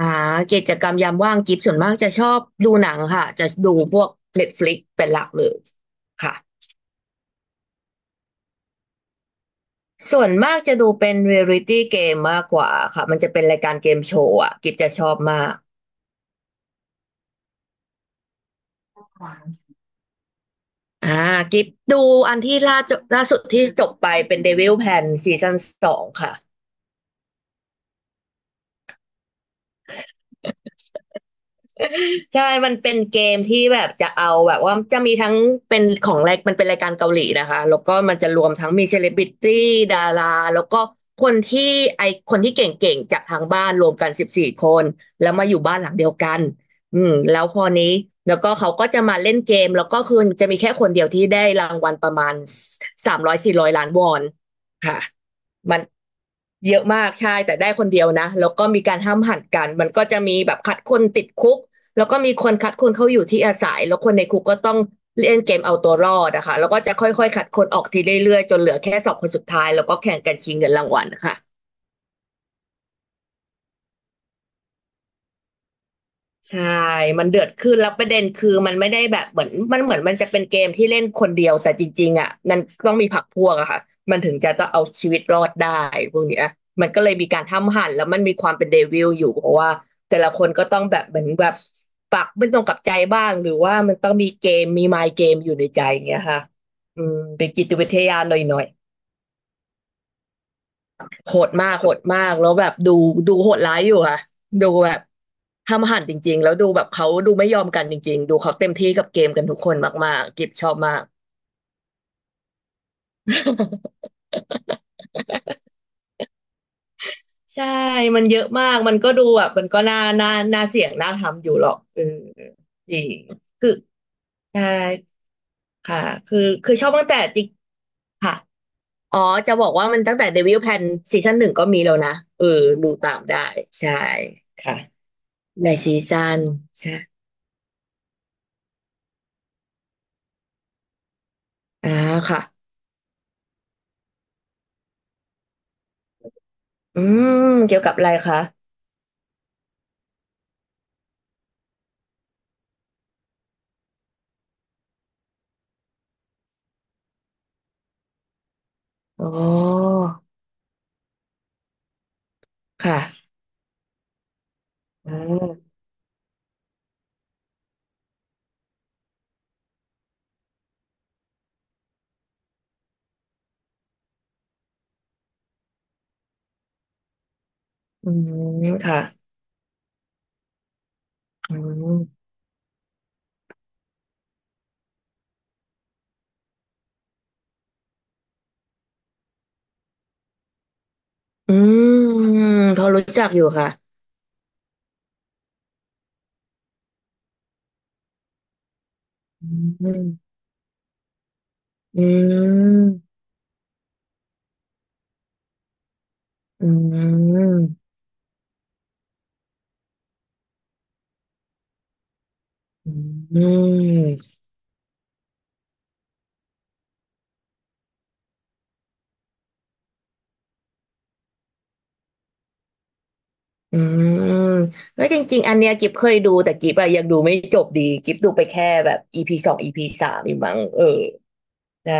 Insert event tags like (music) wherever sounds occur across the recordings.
อ่ากิจกรรมยามว่างกิฟส่วนมากจะชอบดูหนังค่ะจะดูพวก Netflix เป็นหลักเลยค่ะส่วนมากจะดูเป็นเรียลิตี้เกมมากกว่าค่ะมันจะเป็นรายการเกมโชว์อ่ะกิฟจะชอบมากอ่ากิฟดูอันที่ล่าสุดที่จบไปเป็น Devil Pen ซีซั่น 2ค่ะ ใช่มันเป็นเกมที่แบบจะเอาแบบว่าจะมีทั้งเป็นของแรกมันเป็นรายการเกาหลีนะคะแล้วก็มันจะรวมทั้งมีเซเลบริตี้ดาราแล้วก็คนที่ไอคนที่เก่งๆจากทางบ้านรวมกัน14 คนแล้วมาอยู่บ้านหลังเดียวกันอืมแล้วพอนี้แล้วก็เขาก็จะมาเล่นเกมแล้วก็คือจะมีแค่คนเดียวที่ได้รางวัลประมาณ300-400 ล้านวอนค่ะมันเยอะมากใช่แต่ได้คนเดียวนะแล้วก็มีการห้ามหันกันมันก็จะมีแบบคัดคนติดคุก แล้วก็มีคนคัดคนเข้าอยู่ที่อาศัยแล้วคนในคุกก็ต้องเล่นเกมเอาตัวรอดนะคะแล้วก็จะค่อยๆคัดคนออกทีเรื่อยๆจนเหลือแค่2 คนสุดท้ายแล้วก็แข่งกันชิงเงินรางวัลนะคะ ใช่ มันเดือดขึ้นแล้วประเด็นคือ มันไม่ได้แบบเหมือนมันจะเป็นเกมที่เล่นคนเดียวแต่จริงๆอ่ะมันต้องมีพรรคพวกอะค่ะมันถึงจะต้องเอาชีวิตรอดได้พวกเนี้ยมันก็เลยมีการทำหั่นแล้วมันมีความเป็นเดวิลอยู่เพราะว่าแต่ละคนก็ต้องแบบเหมือนแบบปักไม่ตรงกับใจบ้างหรือว่ามันต้องมีเกมมีมายเกมอยู่ในใจอย่างเงี้ยค่ะอืมเป็นจิตวิทยาหน่อยๆ โหดมากโหดมากแล้วแบบดูโหดร้ายอยู่ค่ะดูแบบห้ามหันจริงๆแล้วดูแบบเขาดูไม่ยอมกันจริงๆดูเขาเต็มที่กับเกมกันทุกคนมากๆกิบชอบมาก (laughs) ใช่มันเยอะมากมันก็ดูแบบมันก็น่าเสี่ยงน่าทำอยู่หรอกเออจริงคือใช่ค่ะคือชอบตั้งแต่จริงค่ะอ๋อจะบอกว่ามันตั้งแต่เดวิลแพนซีซั่น 1ก็มีแล้วนะเออดูตามได้ใช่ค่ะในซีซั่นใช่อ่าค่ะ อืมเกี่ยวกับอะไรคะอ๋อค่ะอืมอืมค่ะอืมอืมพอรู้จักอยู่ค่ะอืมอืมอืมอืมอืมแล้วจริงๆอันเนี้ยกิฟเคยดูแต่กิฟอะยังดูไม่จบดีกิฟดูไปแค่แบบEP 2 EP 3อยูมั้งเออได้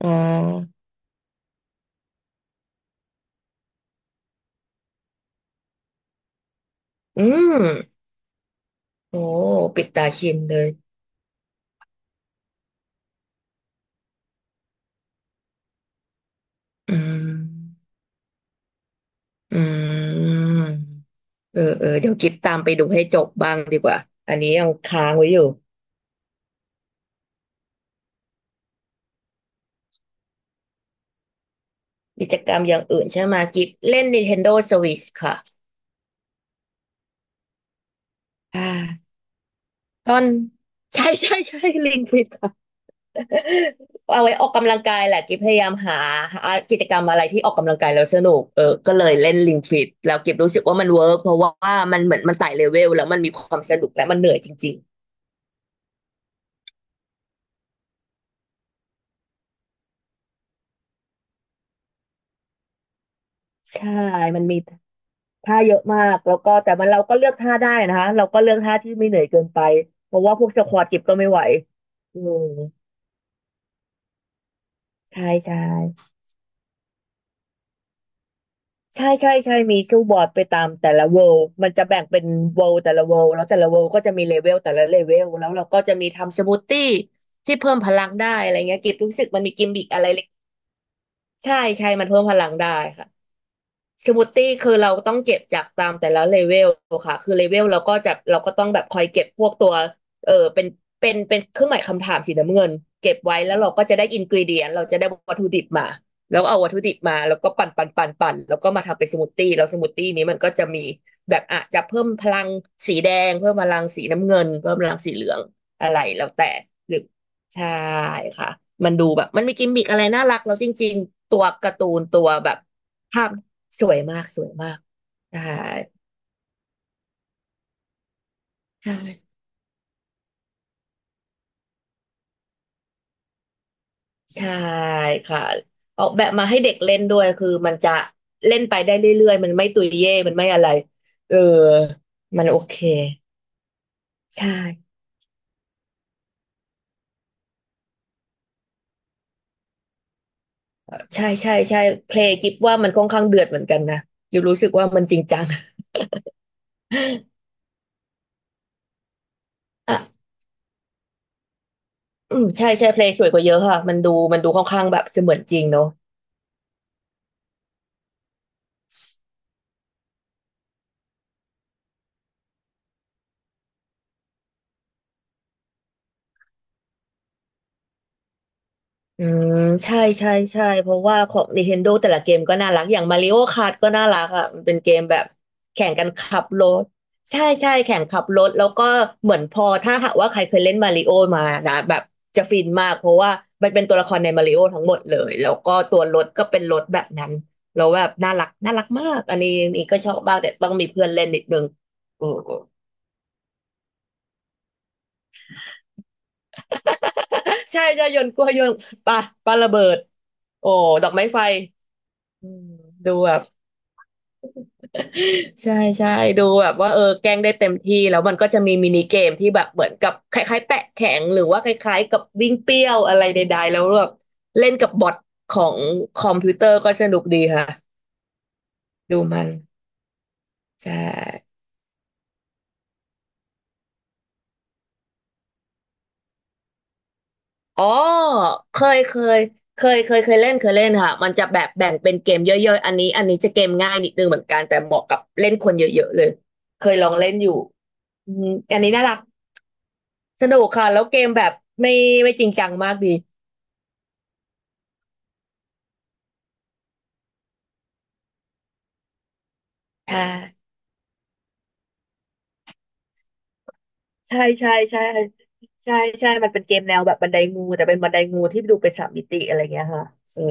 อ๋ออืมโอ้ปิดตาชิมเลยอืมอืม เออเออเดี๋ยวกิฟตามไปดูให้จบบ้างดีกว่า อันนี้ยังค้างไว้อยู่กิจกรรมอย่างอื่นใช่ไหมกิฟเล่น Nintendo Switch ค่ะอ่าตอน (laughs) ใช่ใช่ใช่ลิงผิดค่ะเอาไว้ออกกำลังกายแหละกิฟพยายามหากิจกรรมอะไรที่ออกกำลังกายแล้วสนุกเออก็เลยเล่นลิงฟิตแล้วกิฟรู้สึกว่ามันเวิร์กเพราะว่ามันเหมือนมันไต่เลเวลแล้วมันมีความสนุกและมันเหนื่อยจริงๆใช่มันมี ท่าเยอะมากแล้วก็แต่มันเราก็เลือกท่าได้นะคะเราก็เลือกท่าที่ไม่เหนื่อยเกินไปเพราะว่าพวกสควอทกิบก็ไม่ไหวอืมใช่ใช่ใช่ใช่ใช่มีสู้บอร์ดไปตามแต่ละเวลมันจะแบ่งเป็นเวลแต่ละเวลแล้วแต่ละเวลก็จะมีเลเวลแต่ละเลเวลแล้วเราก็จะมีทำสมูทตี้ที่เพิ่มพลังได้อะไรเงี้ยกิบรู้สึกมันมีกิมมิกอะไรเล็กใช่ใช่มันเพิ่มพลังได้ค่ะ สมูทตี้คือเราต้องเก็บจากตามแต่ละเลเวลค่ะคือเลเวลเราก็จะเราก็ต้องแบบคอยเก็บพวกตัวเออเป็นเครื่องหมายคำถามสีน้ำเงินเก็บไว้แล้วเราก็จะได้อินกรีเดียนเราจะได้วัตถุดิบมาแล้วเอาวัตถุดิบมาแล้วก็ปั่นปั่นปั่นปั่นแล้วก็มาทำเป็นสมูทตี้แล้วสมูทตี้นี้มันก็จะมีแบบอาจจะเพิ่มพลังสีแดงเพิ่มพลังสีน้ำเงินเพิ่มพลังสีเหลืองอะไรแล้วแต่หรือใช่ค่ะมันดูแบบมันมีกิมมิกอะไรน่ารักแล้วจริงๆตัวการ์ตูนตัวแบบภาพ สวยมากสวยมากใช่ใช่ใช่ค่ะออกแบบมาให้เด็กเล่นด้วยคือมันจะเล่นไปได้เรื่อยๆมันไม่ตุยเย่มันไม่อะไรเออมันโอเคใช่เออใช่ใช่ใช่เพลงกิฟว่ามันค่อนข้างเดือดเหมือนกันนะกิฟรู้สึกว่ามันจริงจังอ่ะอืมใช่ใช่เพลงสวยกว่าเยอะค่ะมันดูมันดูค่อนข้างแบบเสมือนจริงเนอะ อืมใช่ใช่ใช่เพราะว่าของ Nintendo แต่ละเกมก็น่ารักอย่าง Mario Kart ก็น่ารักอ่ะมันเป็นเกมแบบแข่งกันขับรถใช่ใช่แข่งขับรถแล้วก็เหมือนพอถ้าหากว่าใครเคยเล่นมาริโอมานะแบบจะฟินมากเพราะว่ามันเป็นตัวละครในมาริโอทั้งหมดเลยแล้วก็ตัวรถก็เป็นรถแบบนั้นแล้วแบบน่ารักน่ารักมากอันนี้นี่ก็ชอบบ้างแต่ต้องมีเพื่อนเล่นนิดนึง (laughs) โอ้ (laughs) ใช่ใช่โยนกล้วยโยนปลาปลาระเบิดโอ้ดอกไม้ไฟอืมดูแบบ ใช่ใช่ดูแบบว่าเออแกล้งได้เต็มที่แล้วมันก็จะมีมินิเกมที่แบบเหมือนกับคล้ายๆแปะแข็งหรือว่าคล้ายๆกับวิ่งเปรี้ยวอะไรใดๆแล้วแบบเล่นกับบอทของคอมพิวเตอร์ก็สนุกดีค่ะดูมันใช่อ๋อเคยเคยเคยเคยเล่นเคยเล่นค่ะมันจะแบบแบ่งเป็นเกมย่อยๆอันนี้อันนี้จะเกมง่ายนิดนึงเหมือนกันแต่เหมาะกับเล่นคนเยอะๆเลยเคยลองเล่นอยู่อืมอันนี้น่ารักสนุกค่ะแล้วเกมแบบไม่ไม่จริงจังมากดี อ่าใช่ใช่ใช่ใช่ใช่มันเป็นเกมแนวแบบบันไดงูแต่เป็นบันไดงูที่ดูเป็นสามมิติอะไรเงี้ยค่ะเออ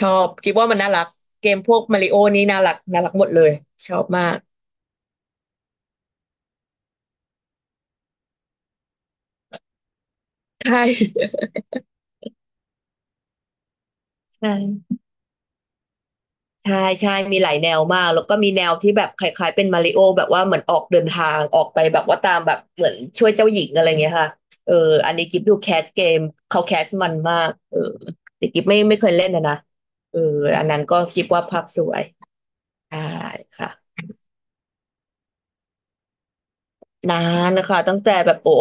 ชอบคิดว่ามันน่ารักเกมพวกมาริโอนี่น่ารักน่ารักหมดเลยชอบมากใช่ใช่ใช่ใช่มีหลายแนวมากแล้วก็มีแนวที่แบบคล้ายๆเป็นมาริโอแบบว่าเหมือนออกเดินทางออกไปแบบว่าตามแบบเหมือนช่วยเจ้าหญิงอะไรเงี้ยค่ะเอออันนี้กิฟดูแคสเกมเขาแคสมันมากเออแต่กิฟไม่เคยเล่นนะนะเอออันนั้นก็คิดว่าภาพสวย ใช่ค่ะนานนะคะตั้งแต่แบบโอ้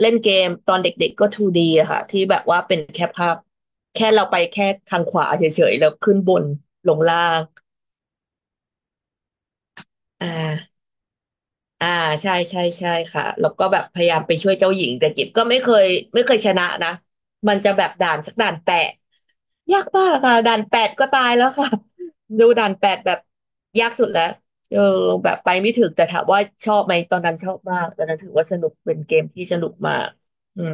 เล่นเกมตอนเด็กๆก็ 2D อะค่ะที่แบบว่าเป็นแค่ภาพแค่เราไปแค่ทางขวาเฉยๆแล้วขึ้นบนลงล่างอ่าอ่าใช่ใช่ใช่ค่ะแล้วก็แบบพยายามไปช่วยเจ้าหญิงแต่กิบก็ไม่เคยชนะนะมันจะแบบด่านสักด่านแปะ ยากมากค่ะด่านแปดก็ตายแล้วค่ะ (laughs) ดูด่านแปดแบบยากสุดแล้วเออแบบไปไม่ถึงแต่ถามว่าชอบไหมตอนนั้นชอบมากตอนนั้นถือว่าสนุกเป็นเกมที่สนุกมากอืม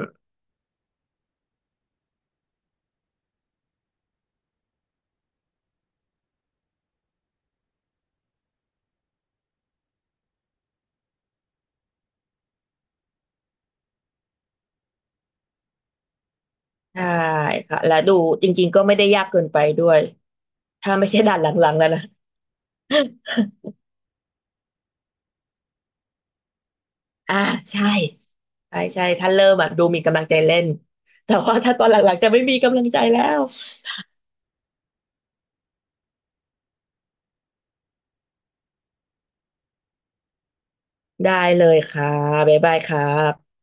ใช่ค่ะและดูจริงๆก็ไม่ได้ยากเกินไปด้วยถ้าไม่ใช่ด่านหลังๆแล้วนะอ่าใช่ใช่ใช่ถ้าเริ่มอ่ะดูมีกำลังใจเล่นแต่ว่าถ้าตอนหลังๆจะไม่มีกำลังใจแล้วได้เลยค่ะบ๊ายบายครับ